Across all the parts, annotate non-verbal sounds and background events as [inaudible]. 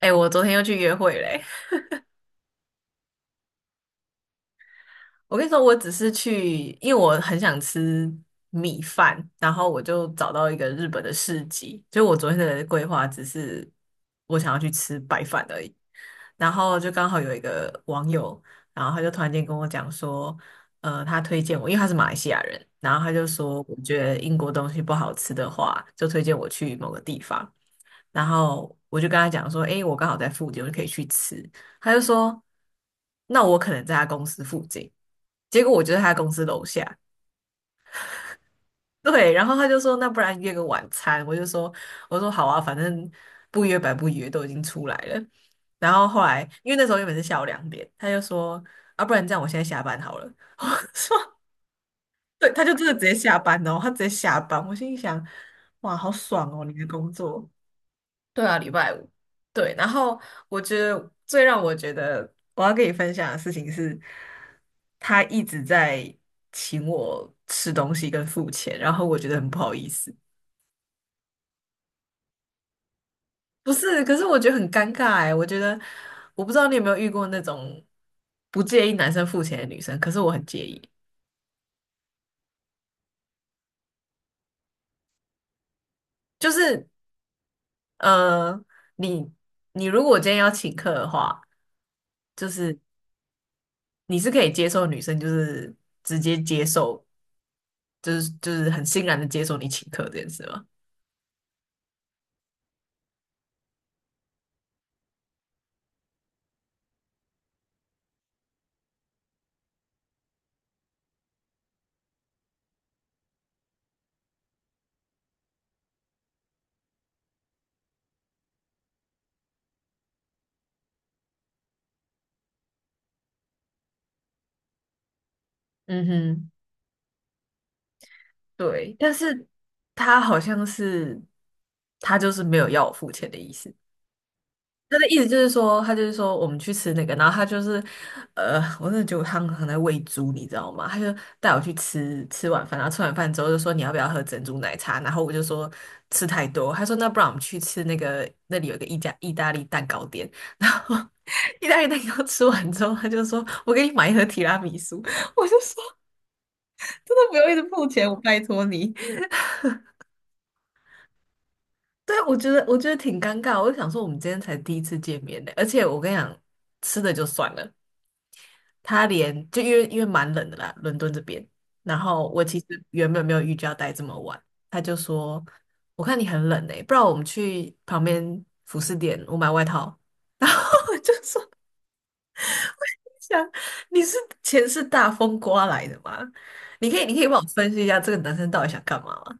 哎、我昨天又去约会嘞、我跟你说，我只是去，因为我很想吃米饭，然后我就找到一个日本的市集。就我昨天的规划只是我想要去吃白饭而已。然后就刚好有一个网友，然后他就突然间跟我讲说，他推荐我，因为他是马来西亚人，然后他就说，我觉得英国东西不好吃的话，就推荐我去某个地方。然后我就跟他讲说，诶，我刚好在附近，我就可以去吃。他就说，那我可能在他公司附近。结果我就在他公司楼下，对。然后他就说，那不然约个晚餐。我就说，我说好啊，反正不约白不约，都已经出来了。然后后来，因为那时候原本是下午2点，他就说，啊，不然这样，我现在下班好了。[laughs] 说，对，他就真的直接下班哦，他直接下班。我心里想，哇，好爽哦，你的工作。对啊，礼拜五。对，然后我觉得最让我觉得我要跟你分享的事情是，他一直在请我吃东西跟付钱，然后我觉得很不好意思。不是，可是我觉得很尴尬哎，我觉得我不知道你有没有遇过那种不介意男生付钱的女生，可是我很介意。就是呃，你你如果今天要请客的话，就是你是可以接受女生就是直接接受就是很欣然的接受你请客这件事吗？嗯哼，对，但是他好像是他就是没有要我付钱的意思。他的意思就是说，他就是说我们去吃那个，然后他就是，我真的觉得他很在喂猪，你知道吗？他就带我去吃晚饭，然后吃完饭之后就说你要不要喝珍珠奶茶，然后我就说吃太多，他说那不然我们去吃那个那里有个意大利蛋糕店，然后 [laughs] 意大利蛋糕吃完之后，他就说我给你买一盒提拉米苏，真的不用一直付钱，我拜托你。对，我觉得我觉得挺尴尬。我就想说，我们今天才第一次见面呢，而且我跟你讲，吃的就算了，他连就因为蛮冷的啦，伦敦这边。然后我其实原本没有预计要待这么晚，他就说：“我看你很冷诶，不然我们去旁边服饰店，我买外套。[laughs]”想你是钱是大风刮来的吗？你可以帮我分析一下这个男生到底想干嘛吗？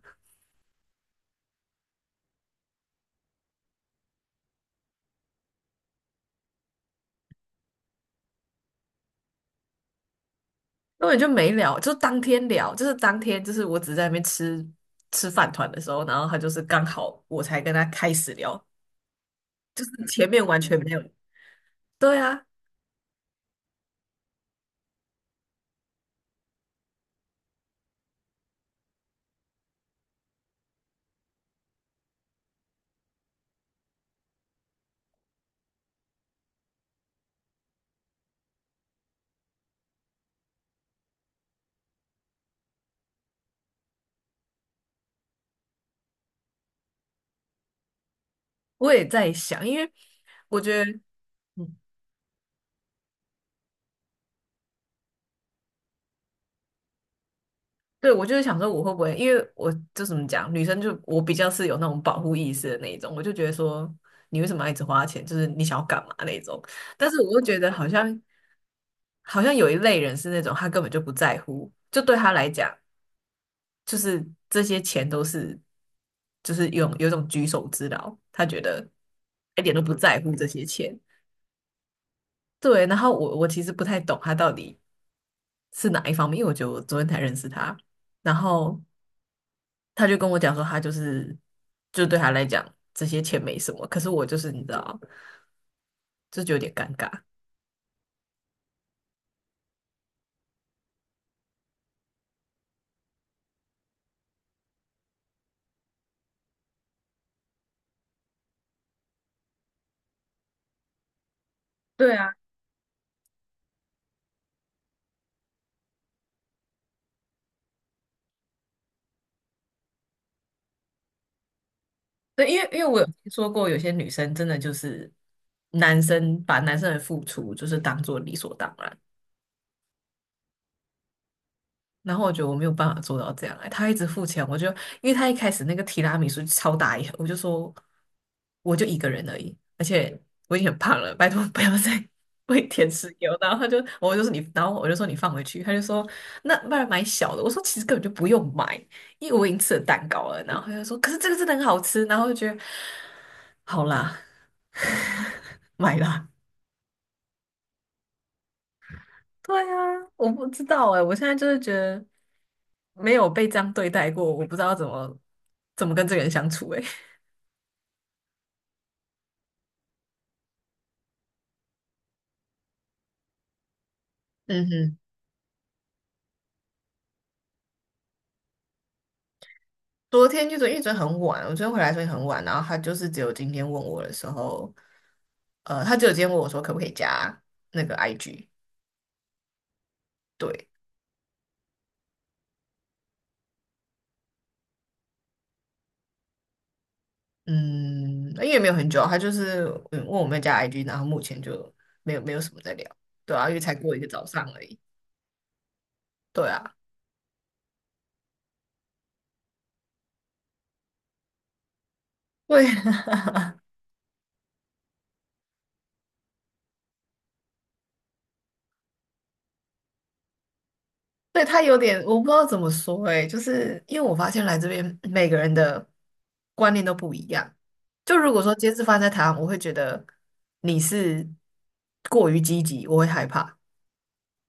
根本就没聊，就当天聊，就是当天就是我只是在那边吃饭团的时候，然后他就是刚好我才跟他开始聊，就是前面完全没有。对啊，我也在想，因为我觉得，嗯，对，我就是想说我会不会，因为我就怎么讲，女生就我比较是有那种保护意识的那一种，我就觉得说你为什么要一直花钱，就是你想要干嘛那一种。但是我又觉得好像有一类人是那种他根本就不在乎，就对他来讲。就是这些钱都是，就是有一种举手之劳，他觉得一点都不在乎这些钱。对，然后我其实不太懂他到底是哪一方面，因为我觉得我昨天才认识他，然后他就跟我讲说，他就是就对他来讲这些钱没什么，可是我就是你知道，这就有点尴尬。对啊，对，因为我有听说过，有些女生真的就是男生把男生的付出就是当做理所当然。然后我觉得我没有办法做到这样，哎，他一直付钱，我就因为他一开始那个提拉米苏超大一盒，我就说我就一个人而已，而且我已经很胖了，拜托不要再 [laughs] 喂甜食给我。然后他就我就说你，然后我就说你放回去，他就说那不然买小的。我说其实根本就不用买，因为我已经吃了蛋糕了。然后他就说可是这个真的很好吃，然后我就觉得好啦，买啦。对啊，我不知道哎，我现在就是觉得没有被这样对待过，我不知道怎么跟这个人相处哎。[laughs] 嗯哼，昨天就昨因为昨天很晚，我昨天回来所以很晚，然后他就是只有今天问我的时候，他只有今天问我说可不可以加那个 IG，对，嗯，因为也没有很久，他就是嗯问我们加 IG，然后目前就没有什么在聊，对啊，因为才过一个早上而已，对啊，对，[laughs] 对，他有点，我不知道怎么说诶，就是因为我发现来这边每个人的观念都不一样。就如果说今天是发生在台湾，我会觉得你是过于积极，我会害怕。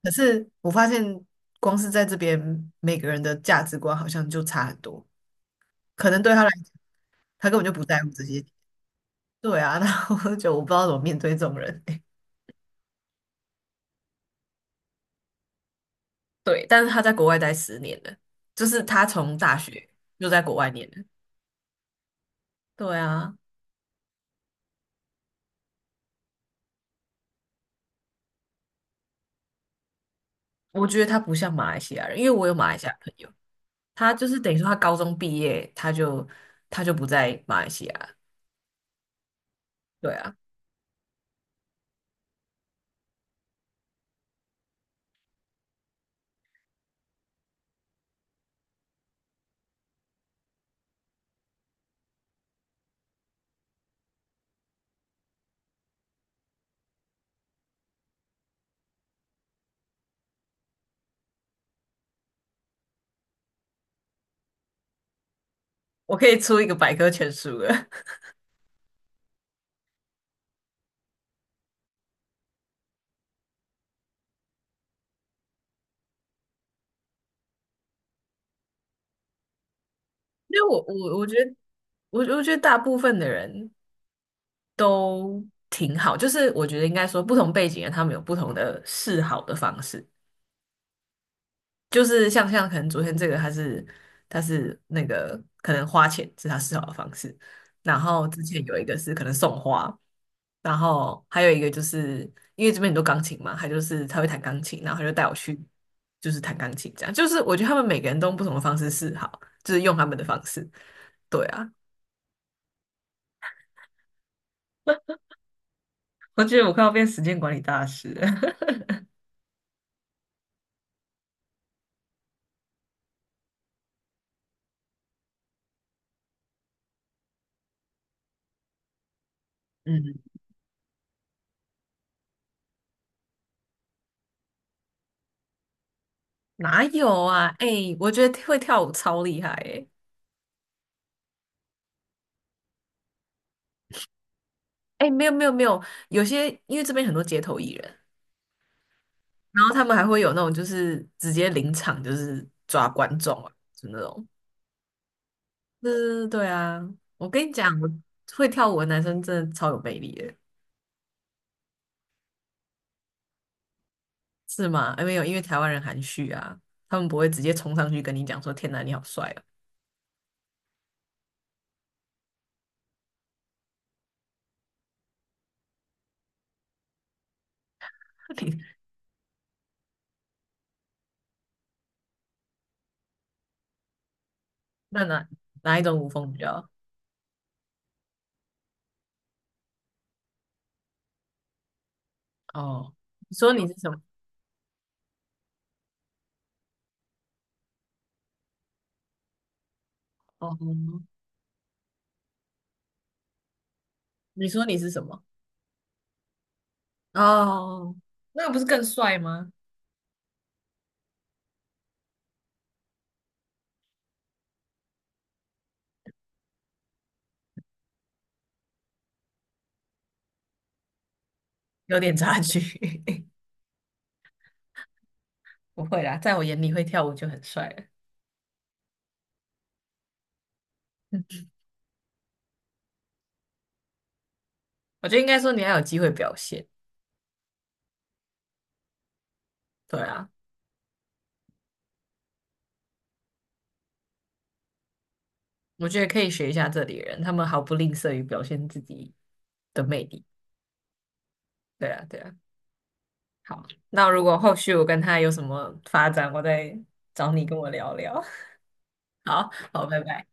可是我发现光是在这边，每个人的价值观好像就差很多。可能对他来讲，他根本就不在乎这些。对啊，[laughs] 然后我就觉得我不知道怎么面对这种人欸。对，但是他在国外待10年了，就是他从大学就在国外念了。对啊。我觉得他不像马来西亚人，因为我有马来西亚朋友，他就是等于说他高中毕业，他就不在马来西亚了。对啊，我可以出一个百科全书了，[laughs] 因为我觉得大部分的人都挺好，就是我觉得应该说不同背景的他们有不同的示好的方式。就是像可能昨天这个他是那个可能花钱是他思考的方式，然后之前有一个是可能送花，然后还有一个就是因为这边很多钢琴嘛，他就是他会弹钢琴，然后他就带我去就是弹钢琴这样，就是我觉得他们每个人都用不同的方式示好，就是用他们的方式，对啊。我觉得我快要变时间管理大师了。[laughs] 嗯，哪有啊？哎、我觉得会跳舞超厉害哎、哎、没有没有没有，有些因为这边很多街头艺人，然后他们还会有那种就是直接临场就是抓观众啊，就那种。嗯，对对对啊，我跟你讲，我会跳舞的男生真的超有魅力的，是吗？哎没有，因为台湾人含蓄啊，他们不会直接冲上去跟你讲说“天哪，你好帅啊！” [laughs] 你那哪一种舞风比较？哦，你说你是什么？哦，你说你是什么？哦，那不是更帅吗？有点差距，[laughs] 不会啦，在我眼里会跳舞就很帅了。我觉得应该说你还有机会表现。对啊，我觉得可以学一下这里人，他们毫不吝啬于表现自己的魅力。对啊，对啊。好，那如果后续我跟他有什么发展，我再找你跟我聊聊。[laughs] 好好，拜拜。